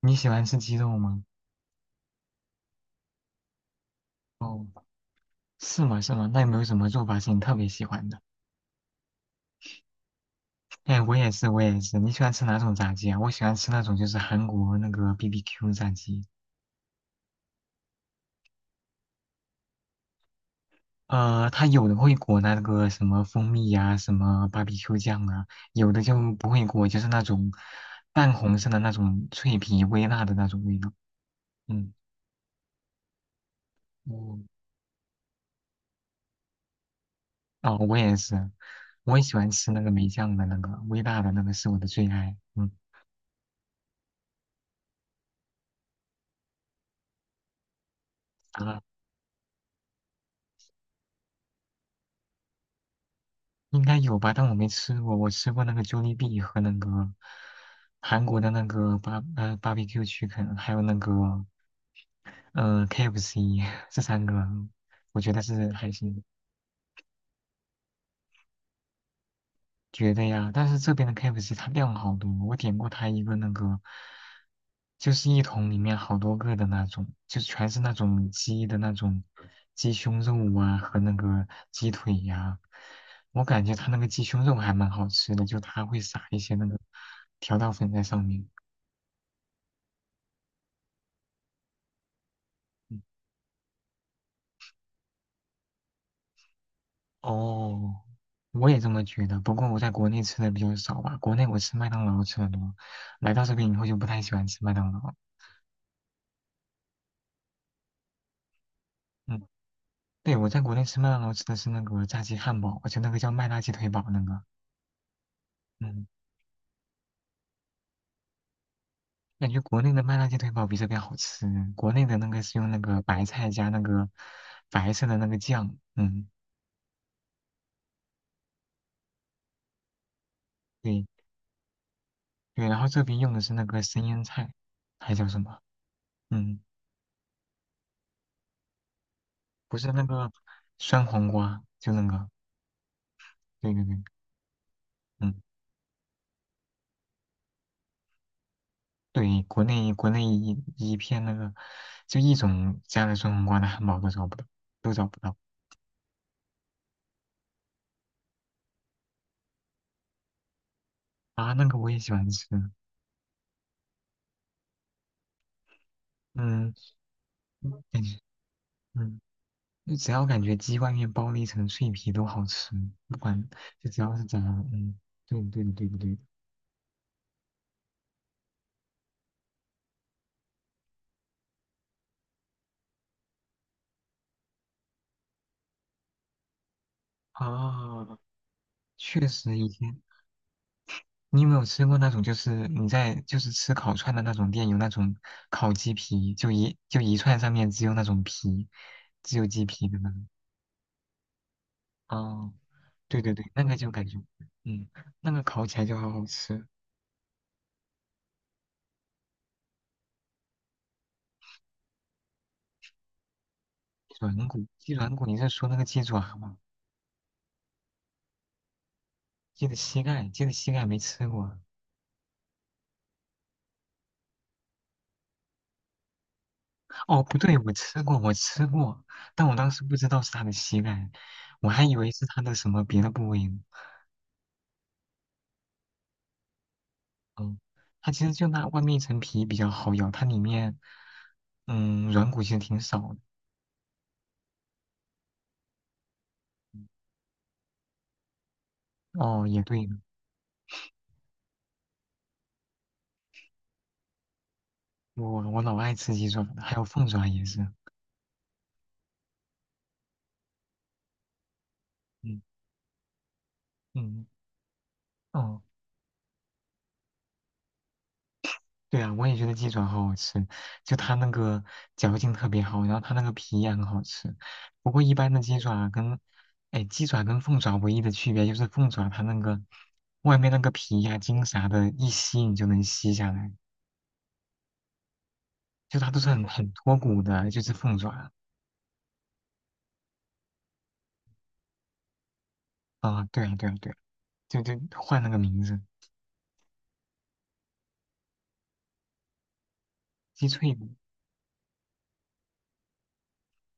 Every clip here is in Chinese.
你喜欢吃鸡肉吗？哦，是吗？是吗？那有没有什么做法是你特别喜欢的？哎，我也是，我也是。你喜欢吃哪种炸鸡啊？我喜欢吃那种就是韩国那个 BBQ 炸鸡，它有的会裹那个什么蜂蜜呀、什么 BBQ 酱啊，有的就不会裹，就是那种淡红色的那种脆皮微辣的那种味道。嗯。我哦，我也是，我也喜欢吃那个梅酱的那个微辣的那个是我的最爱。嗯。应该有吧，但我没吃过。我吃过那个 Jollibee 和那个韩国的那个barbecue c h 还有那个KFC 这三个，我觉得是还行。觉得呀，但是这边的 KFC 它量好多，我点过它一个那个，就是一桶里面好多个的那种，就全是那种鸡的那种鸡胸肉啊和那个鸡腿呀、我感觉它那个鸡胸肉还蛮好吃的，就它会撒一些那个调料粉在上面。嗯。哦，我也这么觉得，不过我在国内吃的比较少吧，国内我吃麦当劳吃的多，来到这边以后就不太喜欢吃麦当劳。嗯。对，我在国内吃麦当劳吃的是那个炸鸡汉堡，而且那个叫麦辣鸡腿堡那个，嗯，感觉国内的麦辣鸡腿堡比这边好吃。国内的那个是用那个白菜加那个白色的那个酱，嗯，对对，然后这边用的是那个生腌菜，还叫什么？嗯，不是那个酸黄瓜，就那个，对对对，嗯，对，国内国内一片那个就一种加了酸黄瓜的汉堡都找不到，都找不到啊，那个我也喜欢吃，嗯。嗯感觉嗯，就只要感觉鸡外面包了一层脆皮都好吃，不管就只要是炸的，嗯，对的对的对不对的。啊，确实以前你有没有吃过那种，就是你在就是吃烤串的那种店有那种烤鸡皮，就一串上面只有那种皮，只有鸡皮的那种。哦，对对对，那个就感觉，嗯，那个烤起来就好好吃。鸡软骨，鸡软骨，你是说那个鸡爪吗？鸡的膝盖，鸡的膝盖没吃过啊。哦，不对，我吃过，我吃过，但我当时不知道是它的膝盖，我还以为是它的什么别的部位呢。嗯，它其实就那外面一层皮比较好咬，它里面软骨其实挺少的。哦，也对呢我老爱吃鸡爪了，还有凤爪也是。嗯嗯，哦。对啊，我也觉得鸡爪好好吃，就它那个嚼劲特别好，然后它那个皮也很好吃。不过一般的鸡爪跟，哎，鸡爪跟凤爪唯一的区别就是凤爪它那个外面那个皮呀、筋啥的，一吸你就能吸下来，就它都是很脱骨的，就是凤爪啊。对啊，对啊，对啊，就换了个名字，鸡脆骨。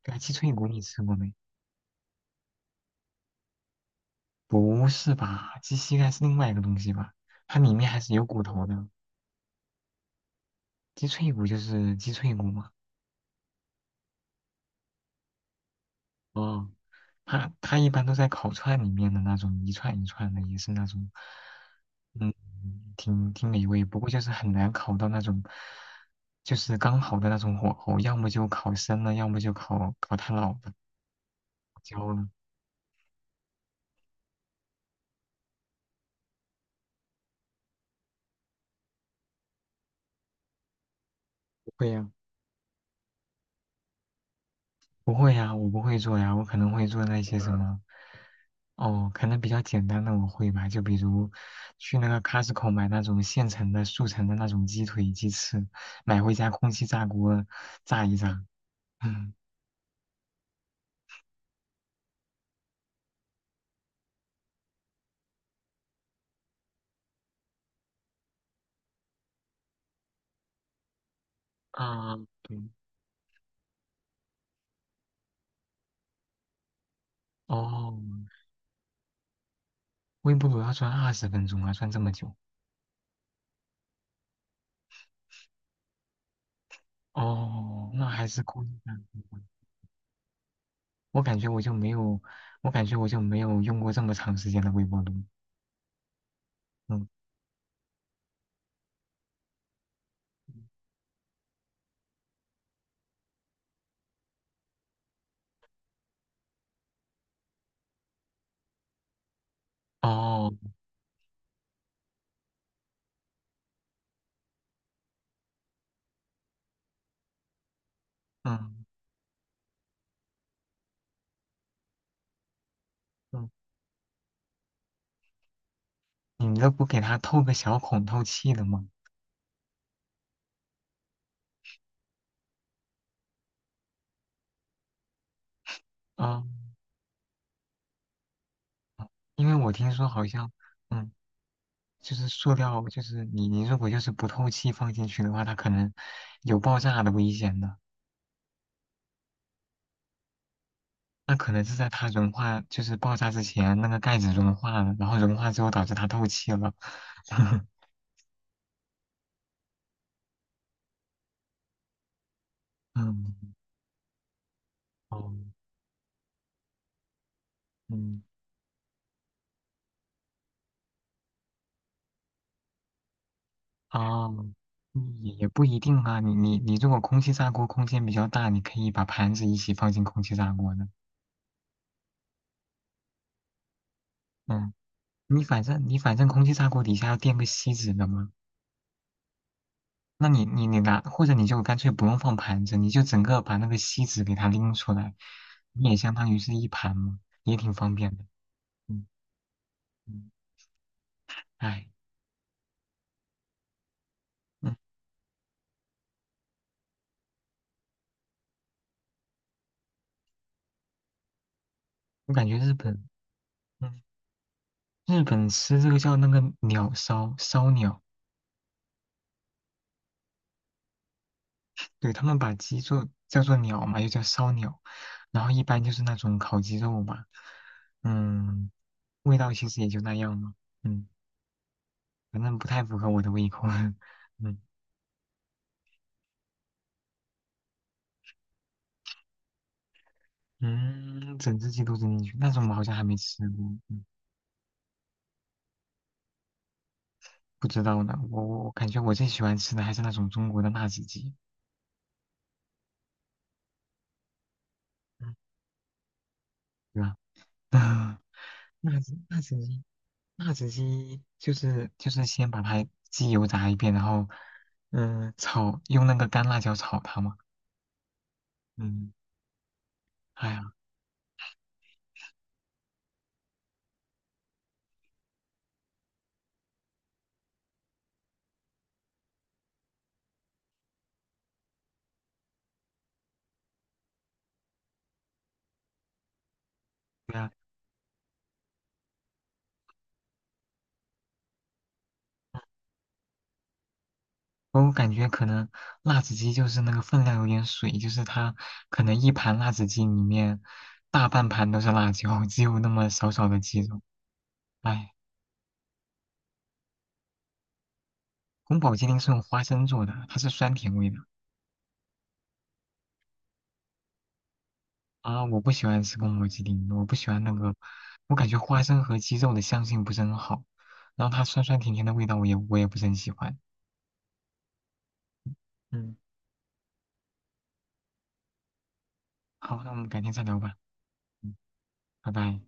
对啊鸡脆骨你吃过没？不是吧？鸡膝盖是另外一个东西吧？它里面还是有骨头的。鸡脆骨就是鸡脆骨嘛。哦，它一般都在烤串里面的那种一串一串的，也是那种，嗯，挺美味。不过就是很难烤到那种，就是刚好的那种火候，要么就烤生了，要么就烤太老了，焦了。不会呀、不会呀，我不会做呀，我可能会做那些什么，哦，可能比较简单的我会吧，就比如去那个 Costco 买那种现成的速成的那种鸡腿、鸡翅，买回家空气炸锅炸一炸。嗯。啊，对，哦，微波炉要转20分钟啊，转这么久，哦，那还是故意的。我感觉我就没有，我感觉我就没有用过这么长时间的微波炉。嗯，哦，嗯嗯，你们都不给它透个小孔透气的吗？啊，因为我听说好像，嗯，就是塑料，就是你如果就是不透气放进去的话，它可能有爆炸的危险的。那可能是在它融化，就是爆炸之前，那个盖子融化了，然后融化之后导致它透气了。嗯，哦，嗯，哦，也不一定啊。你，如果空气炸锅空间比较大，你可以把盘子一起放进空气炸锅的。嗯，你反正空气炸锅底下要垫个锡纸的嘛。那你拿，或者你就干脆不用放盘子，你就整个把那个锡纸给它拎出来，你也相当于是一盘嘛，也挺方便的。嗯嗯，哎。嗯我感觉日本，嗯，日本吃这个叫那个烧鸟，对，他们把鸡做叫做鸟嘛，又叫烧鸟，然后一般就是那种烤鸡肉嘛，嗯，味道其实也就那样嘛，嗯，反正不太符合我的胃口，嗯嗯，整只鸡都扔进去，那种我好像还没吃过，嗯，不知道呢，我感觉我最喜欢吃的还是那种中国的辣子鸡，嗯，对吧？辣子辣子鸡辣子鸡就是先把它鸡油炸一遍，然后用那个干辣椒炒它嘛。嗯，哎呀，对啊，我感觉可能辣子鸡就是那个分量有点水，就是它可能一盘辣子鸡里面大半盘都是辣椒，只有那么少少的鸡肉。哎，宫保鸡丁是用花生做的，它是酸甜味的。啊，我不喜欢吃宫保鸡丁，我不喜欢那个，我感觉花生和鸡肉的香性不是很好，然后它酸酸甜甜的味道我也不是很喜欢。嗯，好，那我们改天再聊吧。嗯，拜拜。